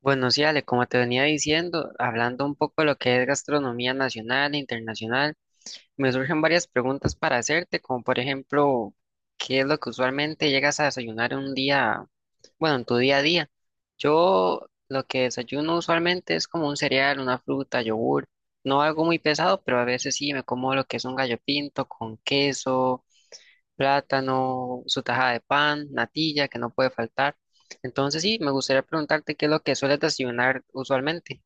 Bueno, sí, Ale, como te venía diciendo, hablando un poco de lo que es gastronomía nacional e internacional, me surgen varias preguntas para hacerte, como por ejemplo, ¿qué es lo que usualmente llegas a desayunar un día, bueno, en tu día a día? Yo lo que desayuno usualmente es como un cereal, una fruta, yogur, no algo muy pesado, pero a veces sí me como lo que es un gallo pinto con queso plátano, su tajada de pan, natilla, que no puede faltar. Entonces sí, me gustaría preguntarte qué es lo que sueles desayunar usualmente.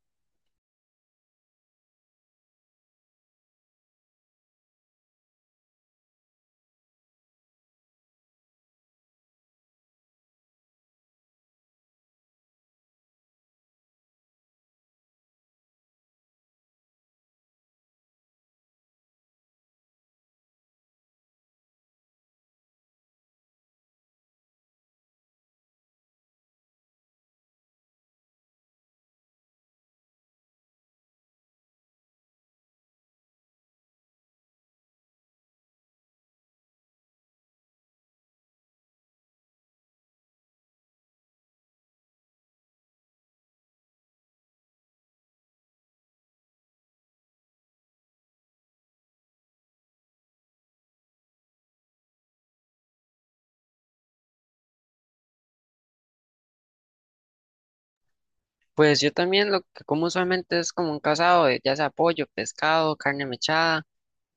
Pues yo también lo que como usualmente es como un casado, de, ya sea pollo, pescado, carne mechada,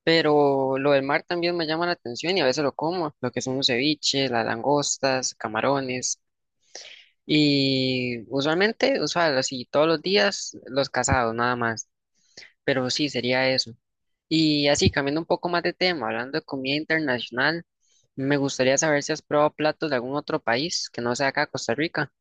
pero lo del mar también me llama la atención y a veces lo como, lo que son los ceviches, las langostas, camarones. Y usualmente, así todos los días los casados, nada más. Pero sí, sería eso. Y así, cambiando un poco más de tema, hablando de comida internacional, me gustaría saber si has probado platos de algún otro país que no sea acá Costa Rica.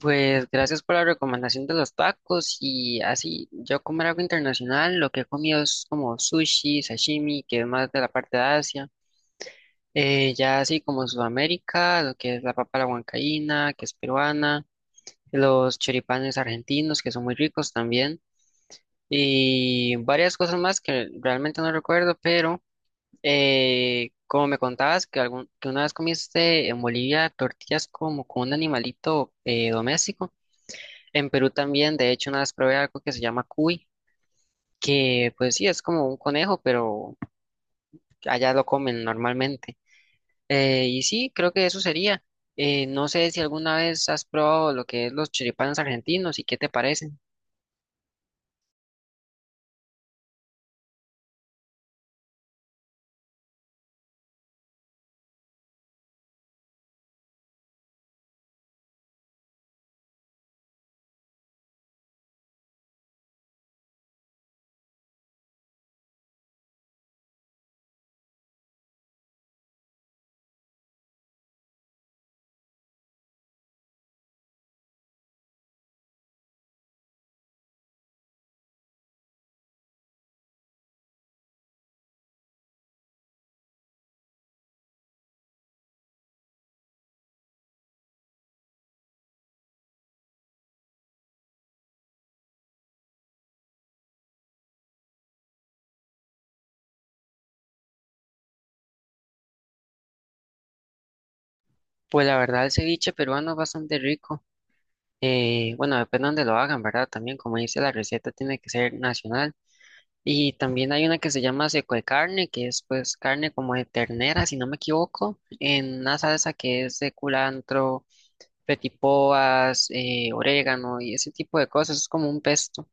Pues gracias por la recomendación de los tacos y así, yo comer algo internacional, lo que he comido es como sushi, sashimi, que es más de la parte de Asia. Ya así como Sudamérica, lo que es la papa a la huancaína, que es peruana, los choripanes argentinos, que son muy ricos también. Y varias cosas más que realmente no recuerdo, pero como me contabas que, que una vez comiste en Bolivia tortillas como con un animalito doméstico, en Perú también, de hecho, una vez probé algo que se llama cuy, que pues sí, es como un conejo, pero allá lo comen normalmente. Y sí, creo que eso sería. No sé si alguna vez has probado lo que es los choripanes argentinos y qué te parecen. Pues la verdad, el ceviche peruano es bastante rico. Bueno, depende de donde lo hagan, ¿verdad? También, como dice, la receta tiene que ser nacional. Y también hay una que se llama seco de carne, que es pues carne como de ternera, si no me equivoco, en una salsa que es de culantro, petipoas, orégano y ese tipo de cosas. Es como un pesto.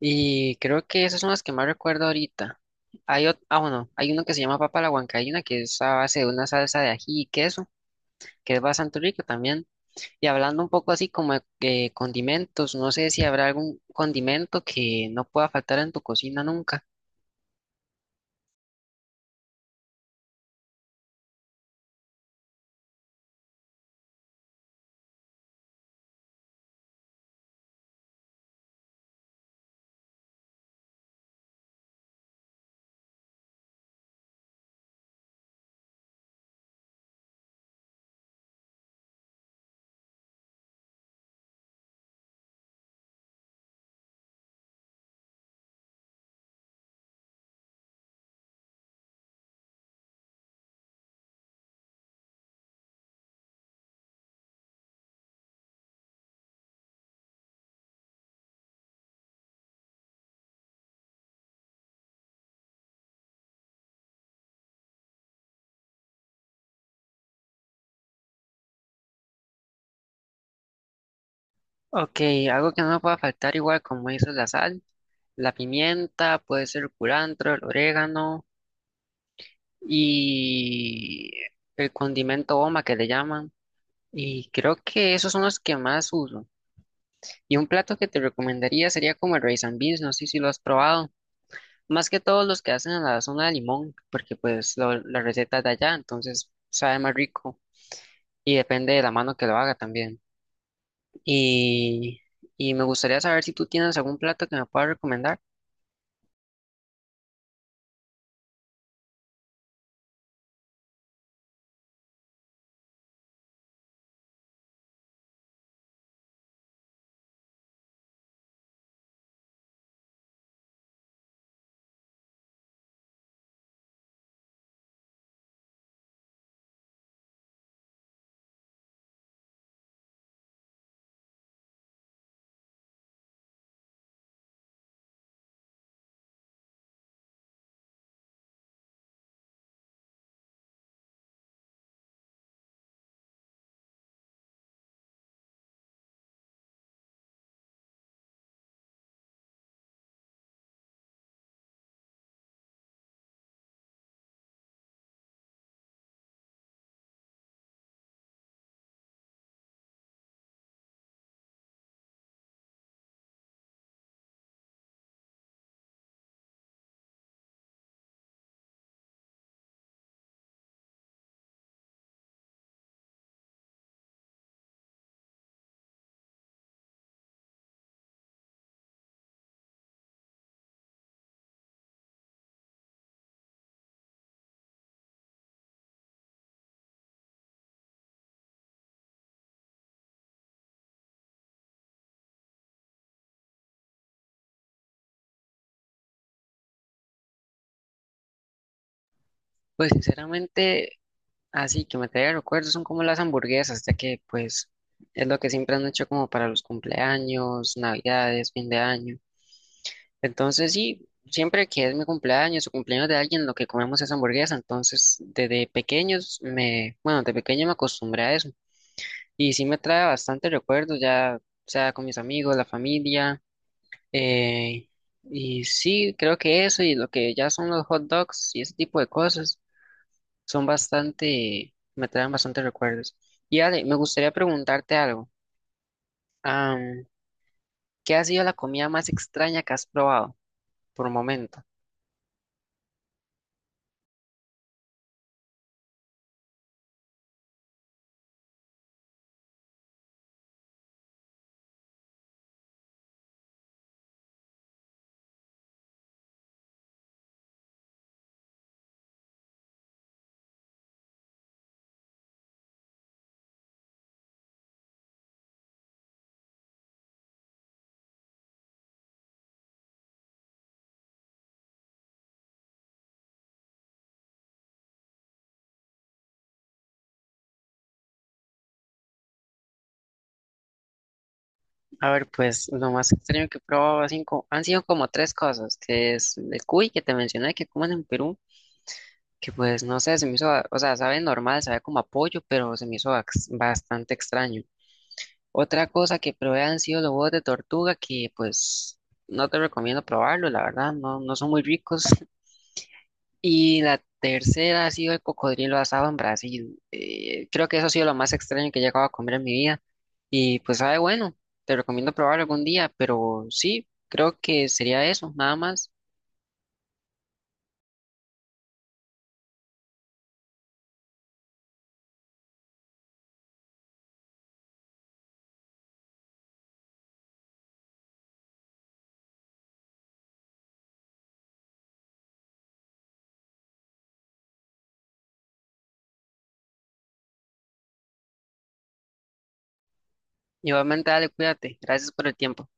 Y creo que esas son las que más recuerdo ahorita. Ah, bueno, hay uno que se llama papa a la huancaína, que es a base de una salsa de ají y queso, que es bastante rico también. Y hablando un poco así como de condimentos, no sé si habrá algún condimento que no pueda faltar en tu cocina nunca. Ok, algo que no me pueda faltar igual como eso es la sal, la pimienta, puede ser el culantro, el orégano y el condimento goma que le llaman. Y creo que esos son los que más uso. Y un plato que te recomendaría sería como el rice and beans, no sé si lo has probado. Más que todos los que hacen en la zona de Limón, porque pues la receta es de allá, entonces sabe más rico. Y depende de la mano que lo haga también. Y, y me gustaría saber si tú tienes algún plato que me puedas recomendar. Pues sinceramente, así que me traiga recuerdos son como las hamburguesas, ya que pues es lo que siempre han hecho como para los cumpleaños, navidades, fin de año. Entonces sí, siempre que es mi cumpleaños o cumpleaños de alguien, lo que comemos es hamburguesa. Entonces desde pequeños me, bueno, de pequeño me acostumbré a eso. Y sí me trae bastante recuerdos ya, sea con mis amigos, la familia. Eh, y sí, creo que eso y lo que ya son los hot dogs y ese tipo de cosas son bastante, me traen bastante recuerdos. Y Ale, me gustaría preguntarte algo. Am, ¿Qué ha sido la comida más extraña que has probado por momento? A ver, pues lo más extraño que he probado han sido como tres cosas, que es el cuy que te mencioné que comen en Perú, que pues no sé, se me hizo, o sea, sabe normal, sabe como apoyo pero se me hizo bastante extraño. Otra cosa que probé han sido los huevos de tortuga, que pues no te recomiendo probarlo, la verdad, no son muy ricos. Y la tercera ha sido el cocodrilo asado en Brasil. Creo que eso ha sido lo más extraño que he llegado a comer en mi vida. Y pues sabe, bueno, te recomiendo probarlo algún día, pero sí, creo que sería eso, nada más. Igualmente, dale, cuídate. Gracias por el tiempo.